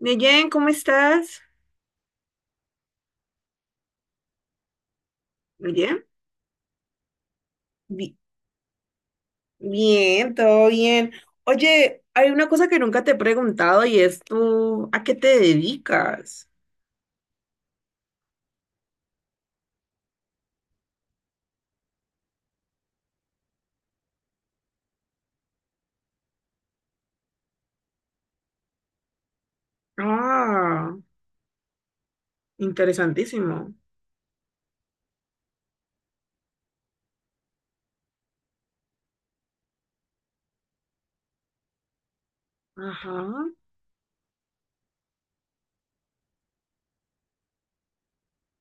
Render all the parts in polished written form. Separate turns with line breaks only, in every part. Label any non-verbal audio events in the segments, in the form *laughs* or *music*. Neyen, ¿cómo estás? Bien, Bi- bien, todo bien. Oye, hay una cosa que nunca te he preguntado y es tú, ¿a qué te dedicas? Ah. Interesantísimo. Ajá.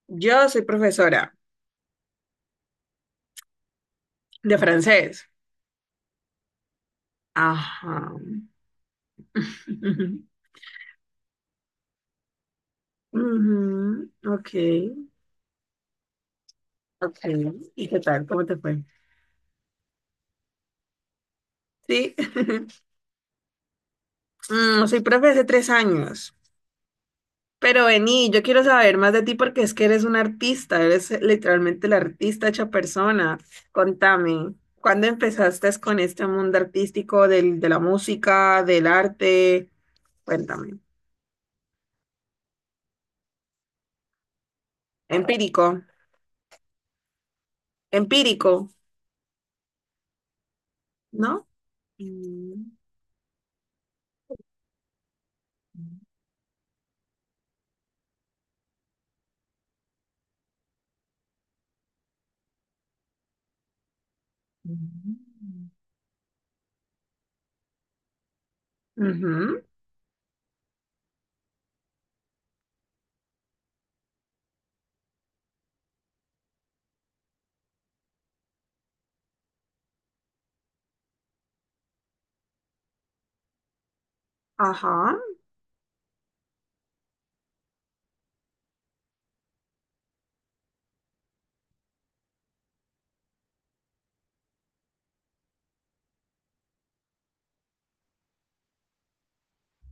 Yo soy profesora de francés. Ajá. *laughs* Ujú, ok, ok. ¿Y qué tal? ¿Cómo te fue? Sí. *laughs* Soy profe hace 3 años. Pero vení, yo quiero saber más de ti porque es que eres un artista, eres literalmente la artista hecha persona. Contame, ¿cuándo empezaste con este mundo artístico de la música, del arte? Cuéntame. Empírico, empírico, ¿no? Mm. Mm. Ujú, ajá.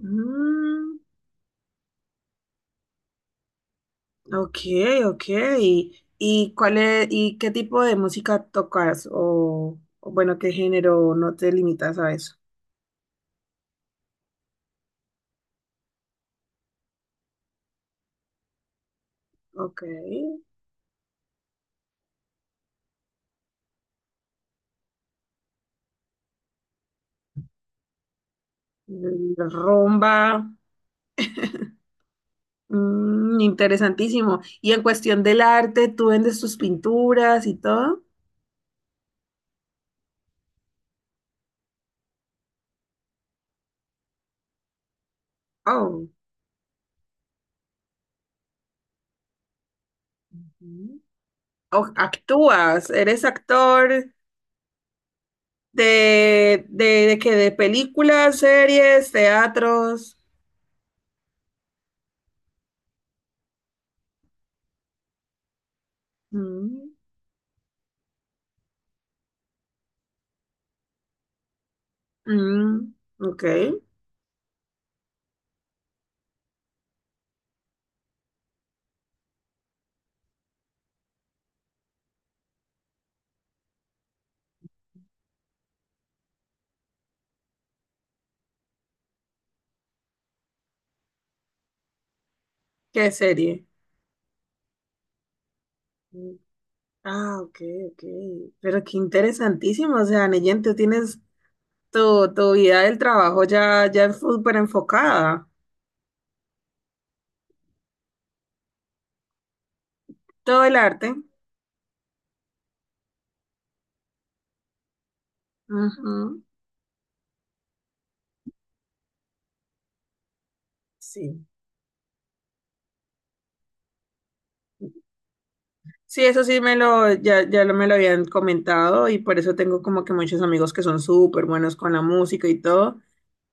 Mm, ok, ok. ¿Y cuál es, y qué tipo de música tocas? O bueno, ¿qué género? ¿No te limitas a eso? Ok. Mm, rumba. Interesantísimo. Y en cuestión del arte, ¿tú vendes tus pinturas y todo? Oh. Ujú. Actúas, eres actor de que de películas, series, teatros. Mm, mm, ok. ¿Qué serie? Mm, ah, ok, ok. Pero qué interesantísimo. O sea, Neyen, tú tienes tu vida del trabajo ya, ya súper enfocada. Todo el arte. Ujú. Sí. Sí, eso sí me lo, ya, ya lo me lo habían comentado y por eso tengo como que muchos amigos que son súper buenos con la música y todo,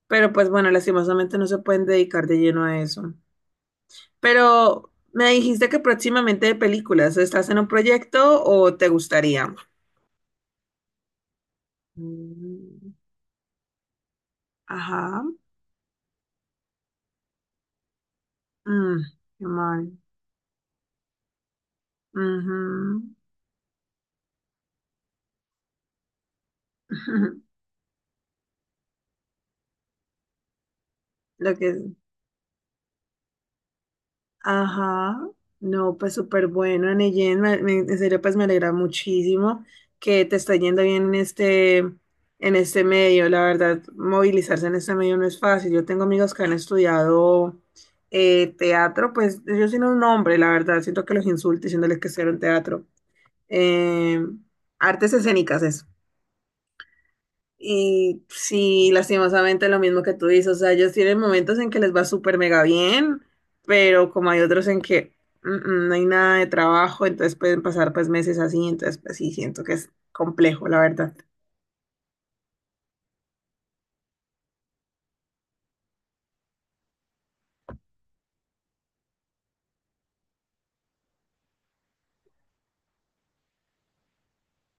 pero pues bueno, lastimosamente no se pueden dedicar de lleno a eso. Pero me dijiste que próximamente de películas, ¿estás en un proyecto o te gustaría? Mm, ajá. Mm, qué mal. Ujú. *laughs* Lo que ajá, no, pues súper bueno, Neyen, en serio, pues me alegra muchísimo que te está yendo bien en este medio, la verdad, movilizarse en este medio no es fácil, yo tengo amigos que han estudiado teatro, pues yo sin un nombre, la verdad, siento que los insulto diciéndoles que hicieron teatro. Eh, artes escénicas es. Y sí, lastimosamente lo mismo que tú dices, o sea, ellos tienen momentos en que les va súper mega bien, pero como hay otros en que no hay nada de trabajo, entonces pueden pasar pues meses así, entonces pues sí, siento que es complejo, la verdad.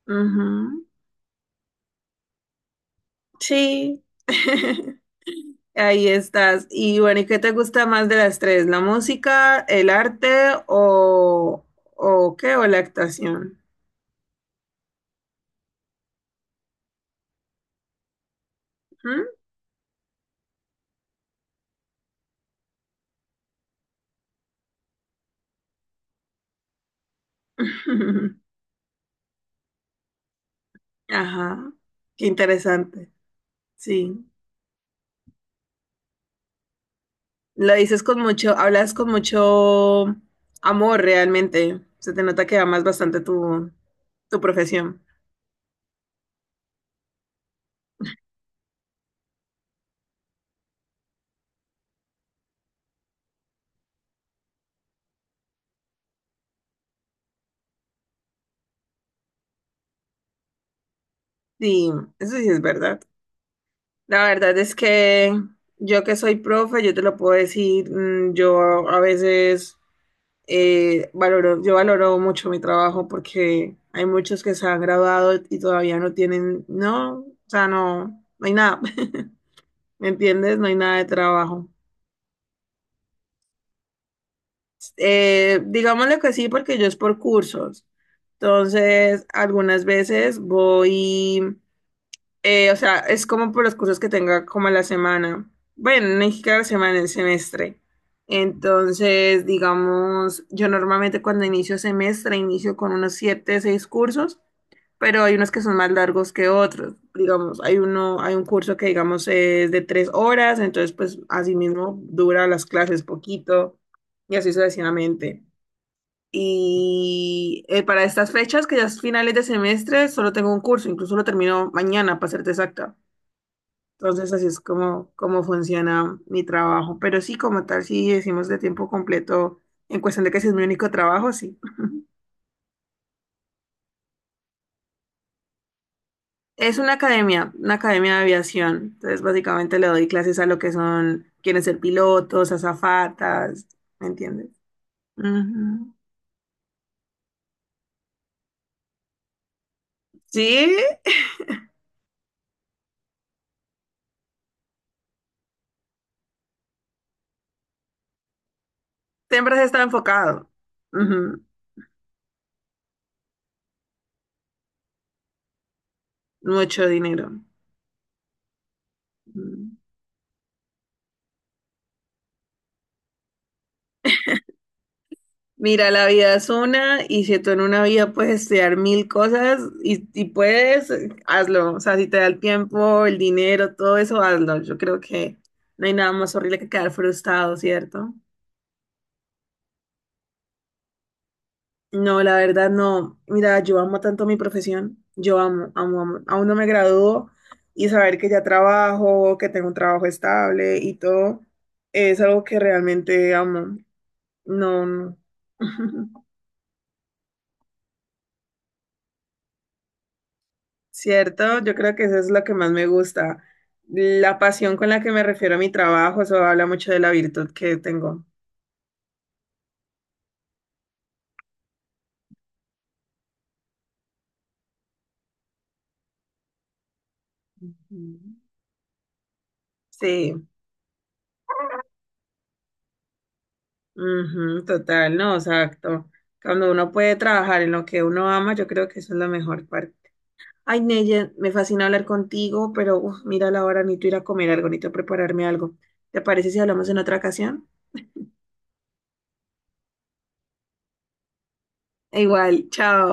Ujú. Sí. *laughs* Ahí estás. Y bueno, ¿y qué te gusta más de las tres? ¿La música, el arte o, o qué? ¿O la actuación? ¿Mm? *laughs* Ajá, qué interesante, sí. Lo dices con mucho, hablas con mucho amor realmente. Se te nota que amas bastante tu profesión. Sí, eso sí es verdad. La verdad es que yo que soy profe, yo te lo puedo decir, yo a veces yo valoro mucho mi trabajo porque hay muchos que se han graduado y todavía no tienen, no, o sea, no, no hay nada. *laughs* ¿Me entiendes? No hay nada de trabajo. Digámosle que sí, porque yo es por cursos. Entonces, algunas veces voy, o sea, es como por los cursos que tenga como a la semana. Bueno, no es que a la semana, el semestre. Entonces, digamos, yo normalmente cuando inicio semestre inicio con unos siete, seis cursos, pero hay unos que son más largos que otros. Digamos, hay un curso que digamos es de 3 horas, entonces pues así mismo dura las clases poquito y así sucesivamente. Y para estas fechas, que ya es finales de semestre, solo tengo un curso, incluso lo termino mañana, para serte exacta. Entonces, así es como funciona mi trabajo. Pero sí, como tal, sí decimos de tiempo completo, en cuestión de que si es mi único trabajo, sí. *laughs* Es una academia de aviación. Entonces, básicamente le doy clases a lo que son, quieren ser pilotos, azafatas, ¿me entiendes? Ujú. Sí, siempre se está enfocado. Ujú. Mucho dinero. Ujú. Mira, la vida es una y si tú en una vida puedes estudiar mil cosas y puedes, hazlo. O sea, si te da el tiempo, el dinero, todo eso, hazlo. Yo creo que no hay nada más horrible que quedar frustrado, ¿cierto? No, la verdad no. Mira, yo amo tanto mi profesión. Yo amo, amo, amo. Aún no me gradúo y saber que ya trabajo, que tengo un trabajo estable y todo, es algo que realmente amo. No, no. *laughs* Cierto, yo creo que eso es lo que más me gusta. La pasión con la que me refiero a mi trabajo, eso habla mucho de la virtud que tengo. Ujú. Sí, ujú, total, no, exacto. Cuando uno puede trabajar en lo que uno ama, yo creo que eso es la mejor parte. Ay, Neye, me fascina hablar contigo, pero uf, mira la hora, necesito ir a comer algo, necesito prepararme algo. ¿Te parece si hablamos en otra ocasión? E igual, chao.